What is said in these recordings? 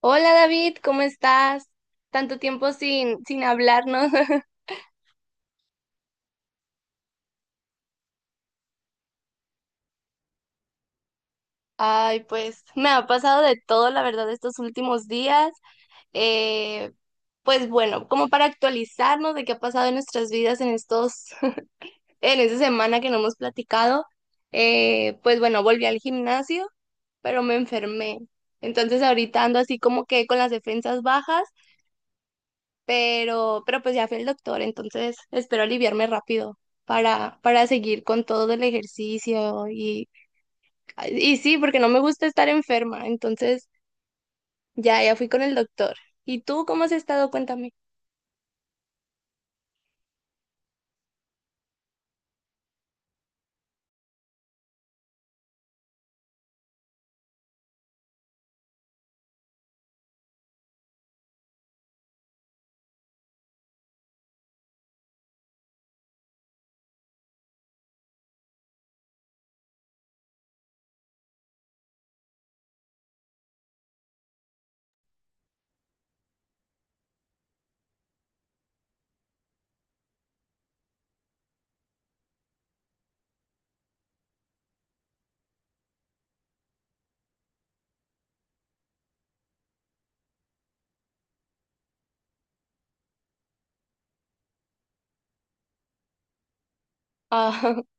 Hola David, ¿cómo estás? Tanto tiempo sin hablarnos. Ay, pues me ha pasado de todo, la verdad, estos últimos días. Eh, pues bueno, como para actualizarnos de qué ha pasado en nuestras vidas en estos, en esta semana que no hemos platicado. Pues bueno, volví al gimnasio, pero me enfermé. Entonces ahorita ando así como que con las defensas bajas pero pues ya fui al doctor, entonces espero aliviarme rápido para seguir con todo el ejercicio y sí, porque no me gusta estar enferma, entonces ya, ya fui con el doctor. ¿Y tú cómo has estado? Cuéntame. Ah,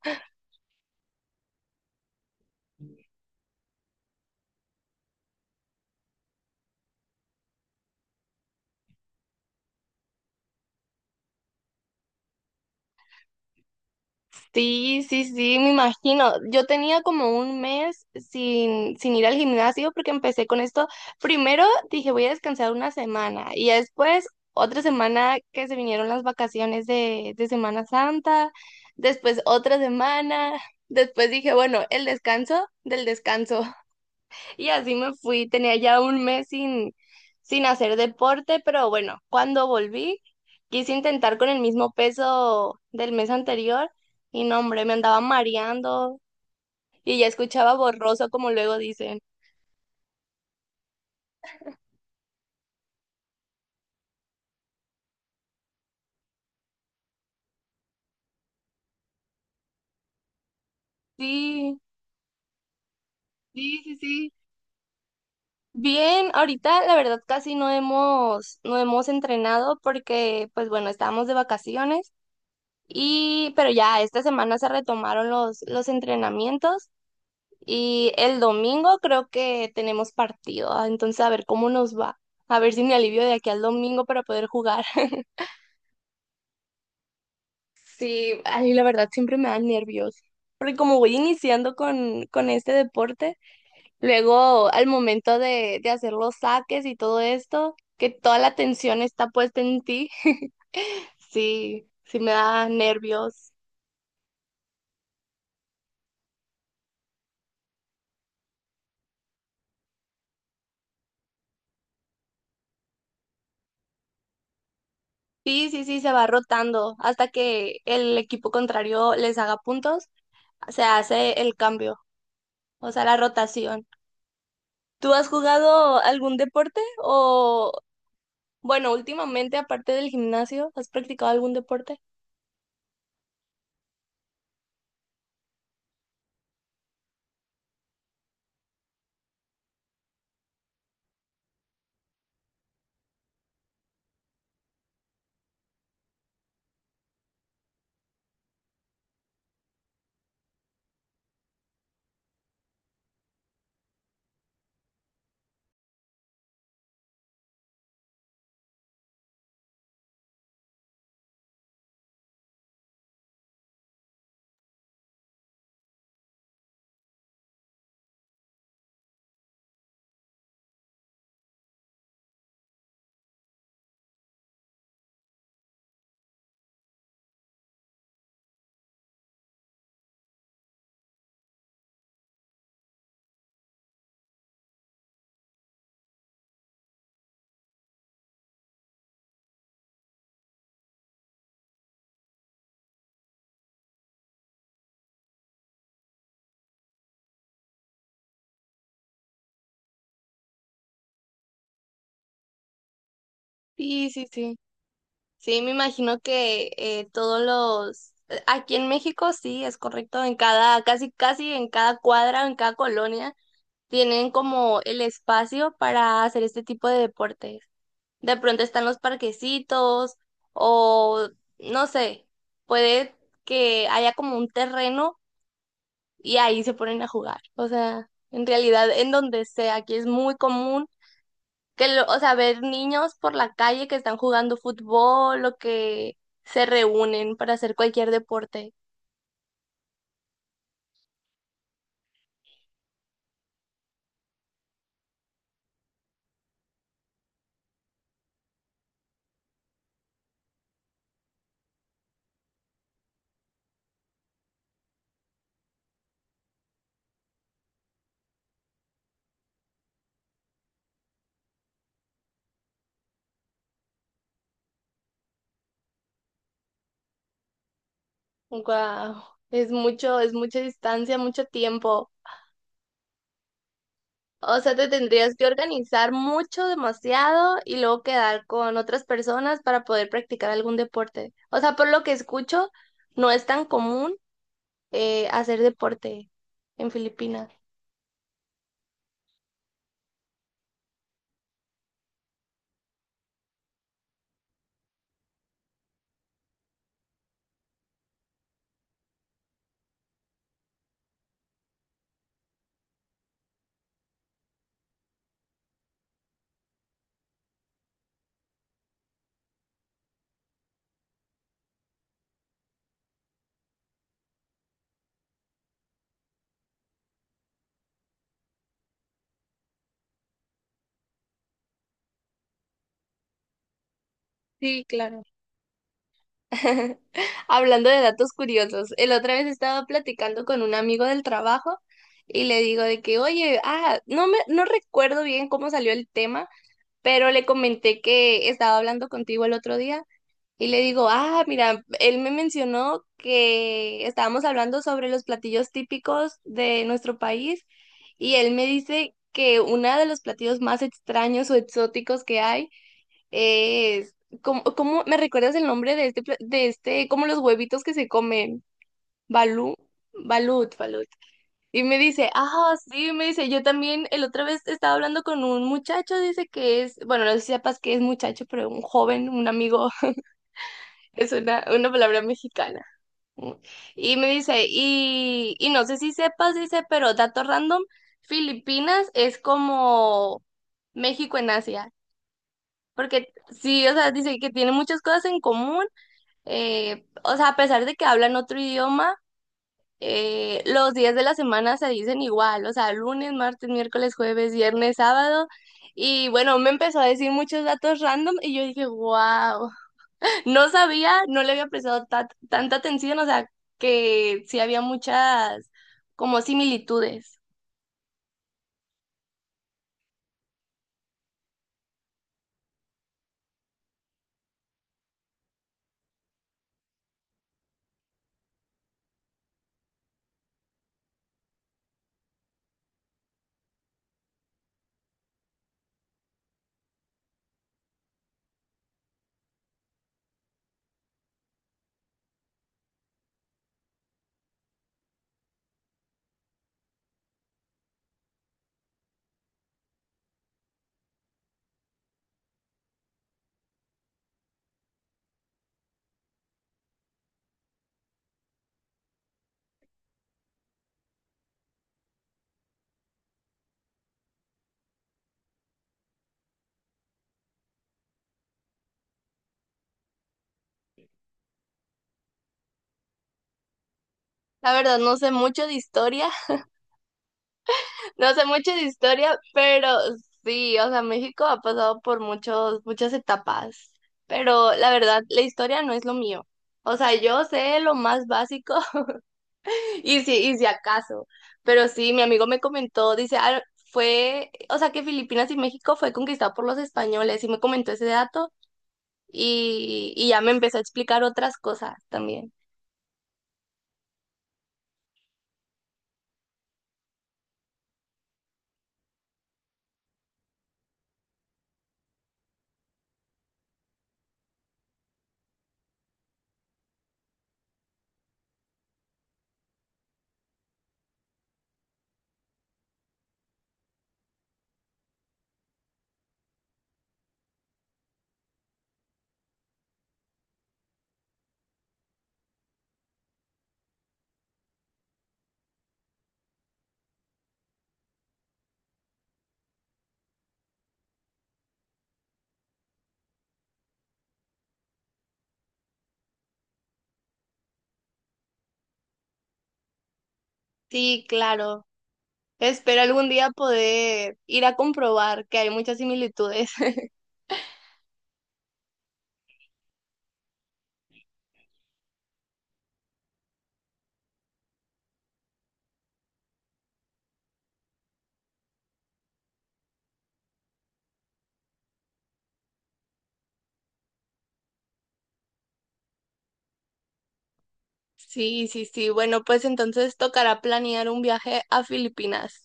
Sí, sí, sí, me imagino. Yo tenía como un mes sin ir al gimnasio porque empecé con esto. Primero dije, voy a descansar una semana y ya después otra semana que se vinieron las vacaciones de Semana Santa, después otra semana, después dije, bueno, el descanso del descanso. Y así me fui, tenía ya un mes sin hacer deporte, pero bueno, cuando volví, quise intentar con el mismo peso del mes anterior y no, hombre, me andaba mareando y ya escuchaba borroso, como luego dicen. Sí, sí, sí, sí. Bien, ahorita la verdad casi no hemos entrenado porque, pues bueno, estábamos de vacaciones y, pero ya esta semana se retomaron los entrenamientos. Y el domingo creo que tenemos partido, ah, entonces a ver cómo nos va. A ver si me alivio de aquí al domingo para poder jugar. Sí, ay, la verdad siempre me dan nervios. Porque como voy iniciando con este deporte, luego al momento de hacer los saques y todo esto, que toda la atención está puesta en ti, sí, sí me da nervios. Sí, sí, sí, se va rotando hasta que el equipo contrario les haga puntos, se hace el cambio. O sea, la rotación. ¿Tú has jugado algún deporte? O, bueno, últimamente, aparte del gimnasio, ¿has practicado algún deporte? Sí, sí, sí. Sí, me imagino que todos los... aquí en México, sí, es correcto. En cada, casi, casi en cada cuadra, en cada colonia, tienen como el espacio para hacer este tipo de deportes. De pronto están los parquecitos o, no sé, puede que haya como un terreno y ahí se ponen a jugar. O sea, en realidad, en donde sea, aquí es muy común que, lo, o sea, ver niños por la calle que están jugando fútbol o que se reúnen para hacer cualquier deporte. Wow, es mucho, es mucha distancia, mucho tiempo. O sea, te tendrías que organizar mucho, demasiado, y luego quedar con otras personas para poder practicar algún deporte. O sea, por lo que escucho, no es tan común hacer deporte en Filipinas. Sí, claro. Hablando de datos curiosos, el otra vez estaba platicando con un amigo del trabajo y le digo de que, oye, ah, no recuerdo bien cómo salió el tema, pero le comenté que estaba hablando contigo el otro día y le digo, ah, mira, él me mencionó que estábamos hablando sobre los platillos típicos de nuestro país y él me dice que uno de los platillos más extraños o exóticos que hay es, ¿cómo, me recuerdas el nombre de este, de este, como los huevitos que se comen? Balú, balut, balut. Y me dice, ah, sí, me dice, yo también, el otra vez estaba hablando con un muchacho, dice que es, bueno, no sé si sepas que es muchacho, pero un joven, un amigo, es una palabra mexicana. Y me dice, y no sé si sepas, dice, pero dato random, Filipinas es como México en Asia. Porque sí, o sea, dice que tiene muchas cosas en común o sea, a pesar de que hablan otro idioma, los días de la semana se dicen igual, o sea, lunes, martes, miércoles, jueves, viernes, sábado. Y bueno, me empezó a decir muchos datos random y yo dije, wow, no sabía, no le había prestado tanta atención, o sea, que sí había muchas como similitudes. La verdad, no sé mucho de historia. No sé mucho de historia, pero sí, o sea, México ha pasado por muchos, muchas etapas, pero la verdad, la historia no es lo mío. O sea, yo sé lo más básico y si acaso, pero sí, mi amigo me comentó, dice, "Ah, fue, o sea, que Filipinas y México fue conquistado por los españoles" y me comentó ese dato y ya me empezó a explicar otras cosas también. Sí, claro. Espero algún día poder ir a comprobar que hay muchas similitudes. Sí, sí, sí. Bueno, pues entonces tocará planear un viaje a Filipinas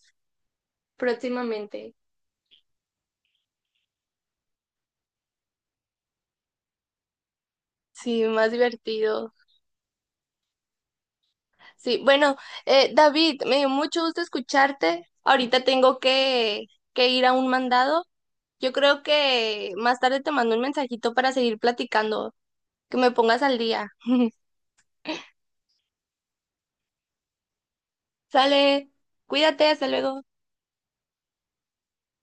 próximamente. Sí, más divertido. Sí, bueno, David, me dio mucho gusto escucharte. Ahorita tengo que ir a un mandado. Yo creo que más tarde te mando un mensajito para seguir platicando, que me pongas al día. Sale, cuídate, hasta luego.